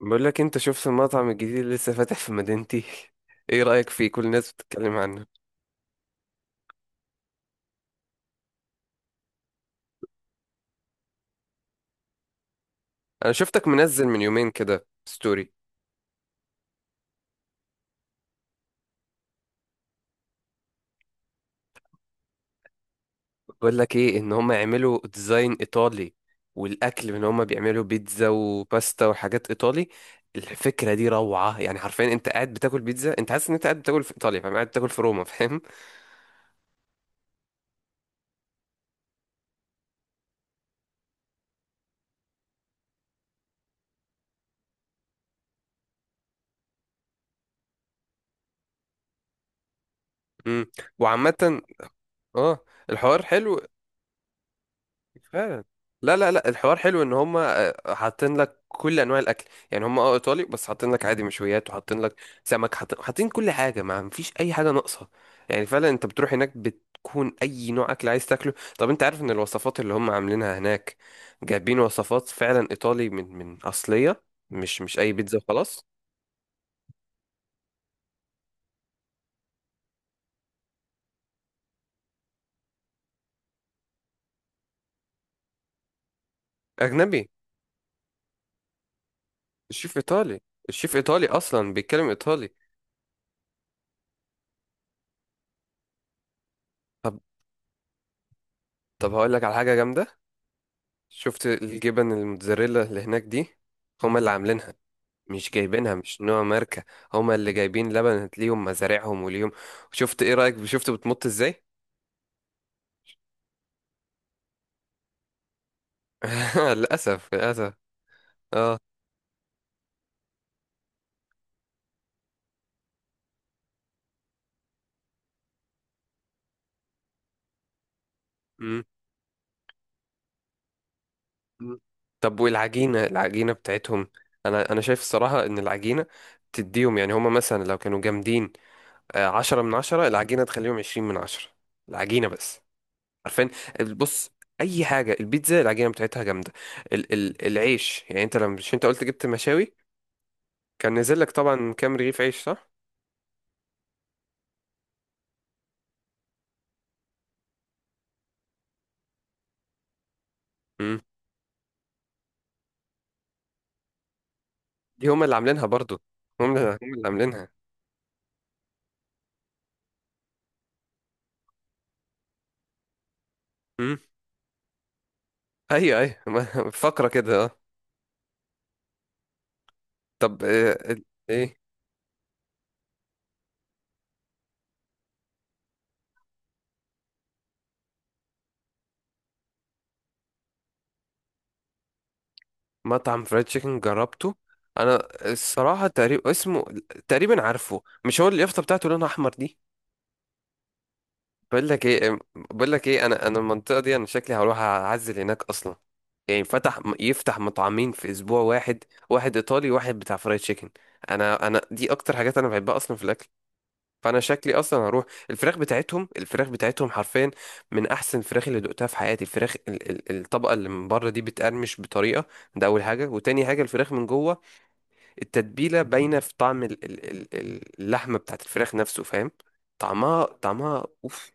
بقول لك انت شفت المطعم الجديد اللي لسه فاتح في مدينتي. ايه رأيك فيه؟ كل الناس بتتكلم عنه. انا شفتك منزل من 2 يومين كده ستوري. بقول لك ايه، ان هم يعملوا ديزاين ايطالي، والاكل ان هم بيعملوا بيتزا وباستا وحاجات ايطالي. الفكرة دي روعة، يعني حرفيا انت قاعد بتاكل بيتزا، انت حاسس ان انت قاعد بتاكل في ايطاليا، فاهم؟ قاعد بتاكل في روما، فاهم؟ امم وعامة اه، الحوار حلو فعلا. لا لا لا، الحوار حلو ان هم حاطين لك كل انواع الاكل. يعني هم اه ايطالي، بس حاطين لك عادي مشويات، وحاطين لك سمك، حاطين كل حاجه، ما مفيش اي حاجه ناقصه. يعني فعلا انت بتروح هناك بتكون اي نوع اكل عايز تاكله. طب انت عارف ان الوصفات اللي هم عاملينها هناك جايبين وصفات فعلا ايطالي من اصليه، مش اي بيتزا وخلاص. اجنبي. الشيف ايطالي، الشيف ايطالي اصلا بيتكلم ايطالي. طب طب هقول لك على حاجه جامده. شفت الجبن الموتزاريلا اللي هناك دي؟ هما اللي عاملينها، مش جايبينها، مش نوع ماركة. هما اللي جايبين لبن، ليهم مزارعهم وليهم. شفت؟ ايه رأيك؟ شفت بتمط ازاي؟ للأسف، للأسف. اه. مم. مم. طب والعجينة، العجينة بتاعتهم، انا شايف الصراحة ان العجينة تديهم، يعني هما مثلا لو كانوا جامدين 10 من 10، العجينة تخليهم 20 من 10. العجينة بس، عارفين؟ بص، اي حاجه البيتزا العجينه بتاعتها جامده. ال العيش، يعني انت لما، مش انت قلت جبت مشاوي؟ كان نزل لك طبعا كام رغيف عيش، صح؟ امم دي هما اللي عاملينها برضو، هم اللي عاملينها. امم. ايوه ايوه، فقره كده اه. طب ايه، مطعم فرايد تشيكن جربته. انا الصراحه تقريبا اسمه، تقريبا عارفه. مش هو اليافطه بتاعته لونها احمر دي؟ بقول لك ايه، انا المنطقه دي انا شكلي هروح اعزل هناك اصلا. يعني فتح، يفتح مطعمين في اسبوع واحد، واحد ايطالي وواحد بتاع فرايد تشيكن. انا دي اكتر حاجات انا بحبها اصلا في الاكل. فانا شكلي اصلا هروح، الفراخ بتاعتهم، الفراخ بتاعتهم حرفيا من احسن الفراخ اللي دقتها في حياتي. الفراخ ال الطبقه اللي من بره دي بتقرمش بطريقه، ده اول حاجه. وتاني حاجه الفراخ من جوه، التتبيله باينه في طعم ال اللحمه بتاعت الفراخ نفسه، فاهم؟ طعمها، طعمها اوف.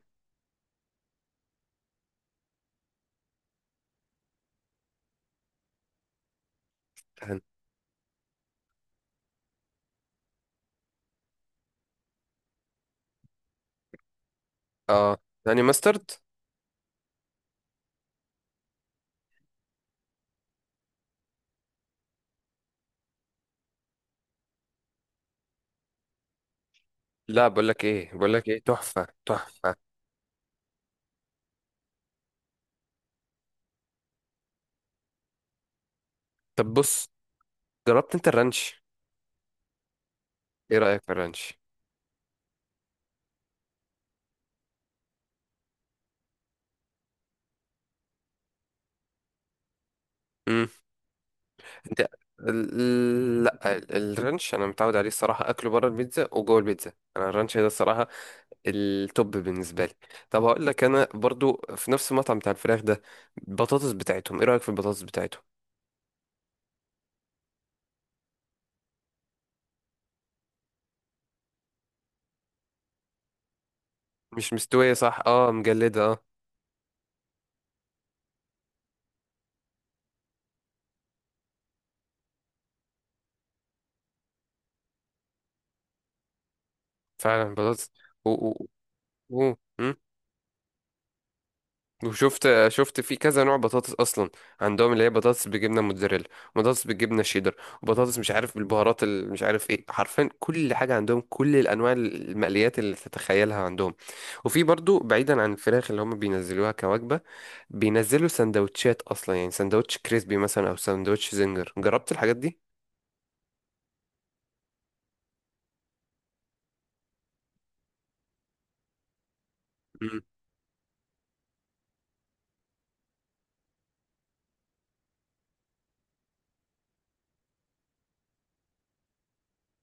اه، يعني ماسترد. لا، بقول لك ايه، بقول لك ايه، تحفه تحفه. طب بص، جربت انت الرانش؟ ايه رايك في الرانش؟ امم. انت لا الرانش انا متعود عليه الصراحه اكله بره البيتزا وجوه البيتزا، انا الرانش ده الصراحه التوب بالنسبه لي. طب هقول لك، انا برضو في نفس المطعم بتاع الفراخ ده، البطاطس بتاعتهم، ايه رايك في البطاطس بتاعتهم؟ مش مستويه صح، اه مجلده اه. فعلا بطاطس و... و... و... وشفت، شفت في كذا نوع بطاطس اصلا عندهم، اللي هي بطاطس بالجبنه موتزاريلا، وبطاطس بالجبنه شيدر، وبطاطس مش عارف بالبهارات مش عارف ايه. حرفيا كل حاجه عندهم، كل الانواع، المقليات اللي تتخيلها عندهم. وفي برضو، بعيدا عن الفراخ اللي هم بينزلوها كوجبه، بينزلوا سندوتشات اصلا، يعني سندوتش كريسبي مثلا، او سندوتش زنجر. جربت الحاجات دي؟ مم.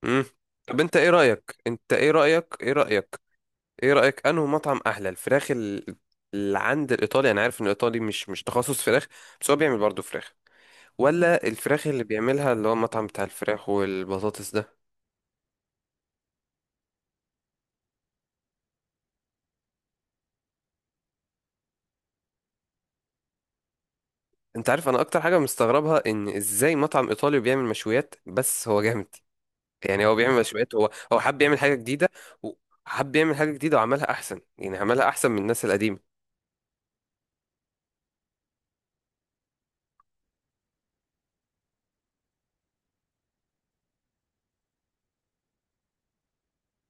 مم. طب انت ايه رايك، انت ايه رايك؟ ايه رأيك انه مطعم احلى الفراخ اللي عند الايطالي؟ انا عارف ان الايطالي مش تخصص فراخ، بس هو بيعمل برضه فراخ. ولا الفراخ اللي بيعملها اللي هو المطعم بتاع الفراخ والبطاطس ده؟ انت عارف انا اكتر حاجة مستغربها، ان ازاي مطعم ايطالي بيعمل مشويات بس هو جامد؟ يعني هو بيعمل مشويات، هو حب يعمل حاجة جديدة، وحب يعمل حاجة جديدة وعملها احسن، يعني عملها احسن من الناس القديمة.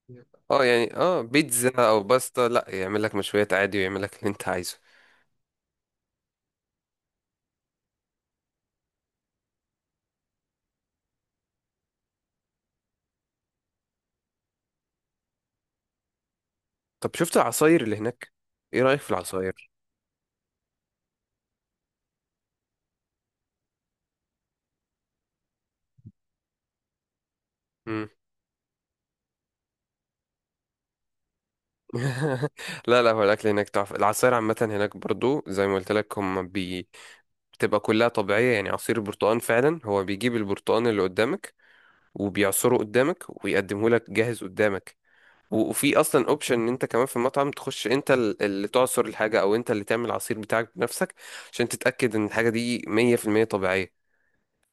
اه، يعني اه بيتزا او باستا، لا، يعمل لك مشويات عادي ويعمل لك اللي انت عايزه. طب شفت العصاير اللي هناك؟ ايه رأيك في العصاير؟ مم. لا لا، هو الاكل هناك تحفه، العصاير عامه هناك برضو زي ما قلت لك، هم بي... بتبقى كلها طبيعيه. يعني عصير برتقال، فعلا هو بيجيب البرتقال اللي قدامك وبيعصره قدامك، ويقدمه لك جاهز قدامك. وفي اصلا اوبشن ان انت كمان في المطعم تخش انت اللي تعصر الحاجه، او انت اللي تعمل العصير بتاعك بنفسك، عشان تتاكد ان الحاجه دي 100% طبيعيه.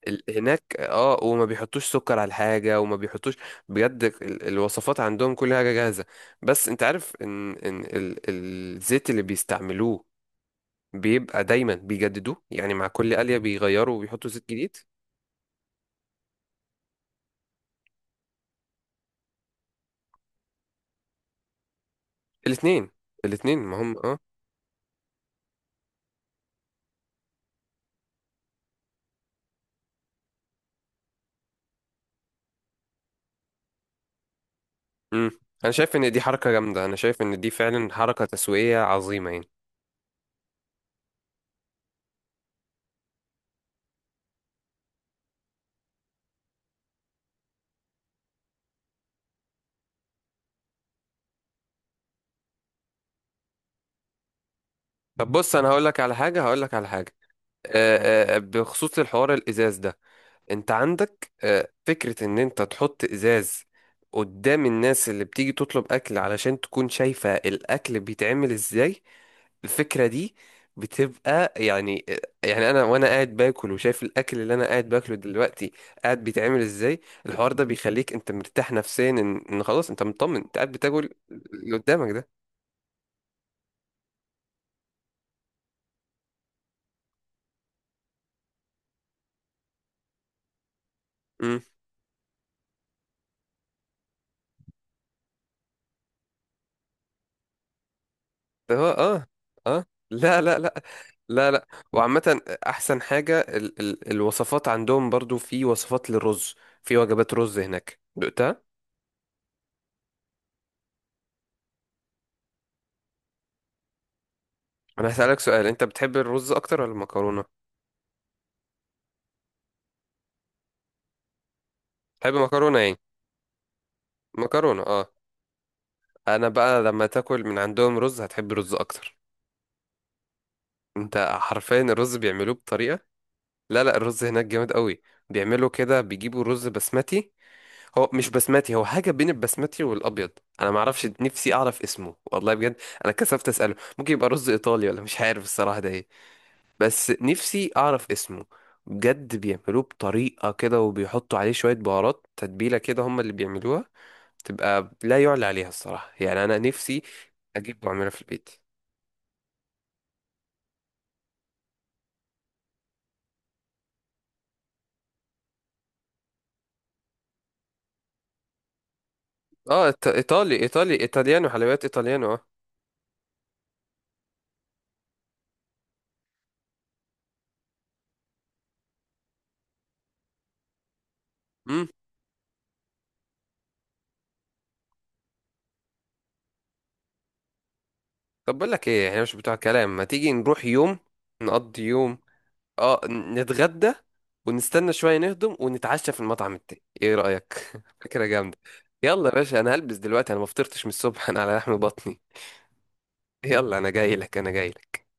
هناك اه، وما بيحطوش سكر على الحاجة وما بيحطوش. بجد الوصفات عندهم كل حاجة جاهزة. بس انت عارف ان ان الزيت اللي بيستعملوه بيبقى دايما بيجددوه، يعني مع كل قلية بيغيروا وبيحطوا زيت جديد. الاتنين، الاتنين ما هم اه. امم انا شايف ان دي حركة جامدة، انا شايف ان دي فعلا حركة تسويقية عظيمة يعني. طب بص، انا هقول لك على حاجة هقول لك على حاجة بخصوص الحوار الازاز ده، انت عندك فكرة ان انت تحط ازاز قدام الناس اللي بتيجي تطلب اكل، علشان تكون شايفة الاكل بيتعمل ازاي. الفكرة دي بتبقى يعني يعني انا وانا قاعد باكل وشايف الاكل اللي انا قاعد باكله دلوقتي قاعد بيتعمل ازاي، الحوار ده بيخليك انت مرتاح نفسيا، ان خلاص انت مطمن انت قاعد بتاكل اللي قدامك ده. هو اه. اه. لا لا لا، لا لا. وعامة أحسن حاجة، ال الوصفات عندهم، برضو في وصفات للرز، في وجبات رز هناك، دقتها؟ أنا هسألك سؤال، أنت بتحب الرز أكتر ولا المكرونة؟ تحب مكرونة يعني؟ مكرونة اه. أنا بقى لما تاكل من عندهم رز هتحب الرز أكتر. أنت حرفيا الرز بيعملوه بطريقة، لا لا، الرز هناك جامد قوي. بيعملوا كده، بيجيبوا رز بسمتي، هو مش بسمتي، هو حاجة بين البسمتي والأبيض. أنا معرفش، نفسي أعرف اسمه والله بجد. أنا كسفت أسأله، ممكن يبقى رز إيطالي ولا مش عارف الصراحة ده إيه. بس نفسي أعرف اسمه بجد. بيعملوه بطريقة كده، وبيحطوا عليه شوية بهارات تتبيلة كده هم اللي بيعملوها، تبقى لا يعلى عليها الصراحة يعني. أنا نفسي أجيب وأعملها في البيت. اه، إيطالي إيطالي، إيطاليانو حلويات إيطاليانو اه. مم. طب بقول لك إيه، إحنا مش بتوع كلام، ما تيجي نروح يوم، نقضي يوم. اه، نتغدى، ونستنى شوية نهضم، ونتعشى في المطعم التاني. ايه رأيك؟ فكرة جامدة. يلا يا باشا، انا هلبس دلوقتي، انا ما فطرتش من الصبح. انا على لحم بطني. يلا انا جاي لك، انا جاي لك.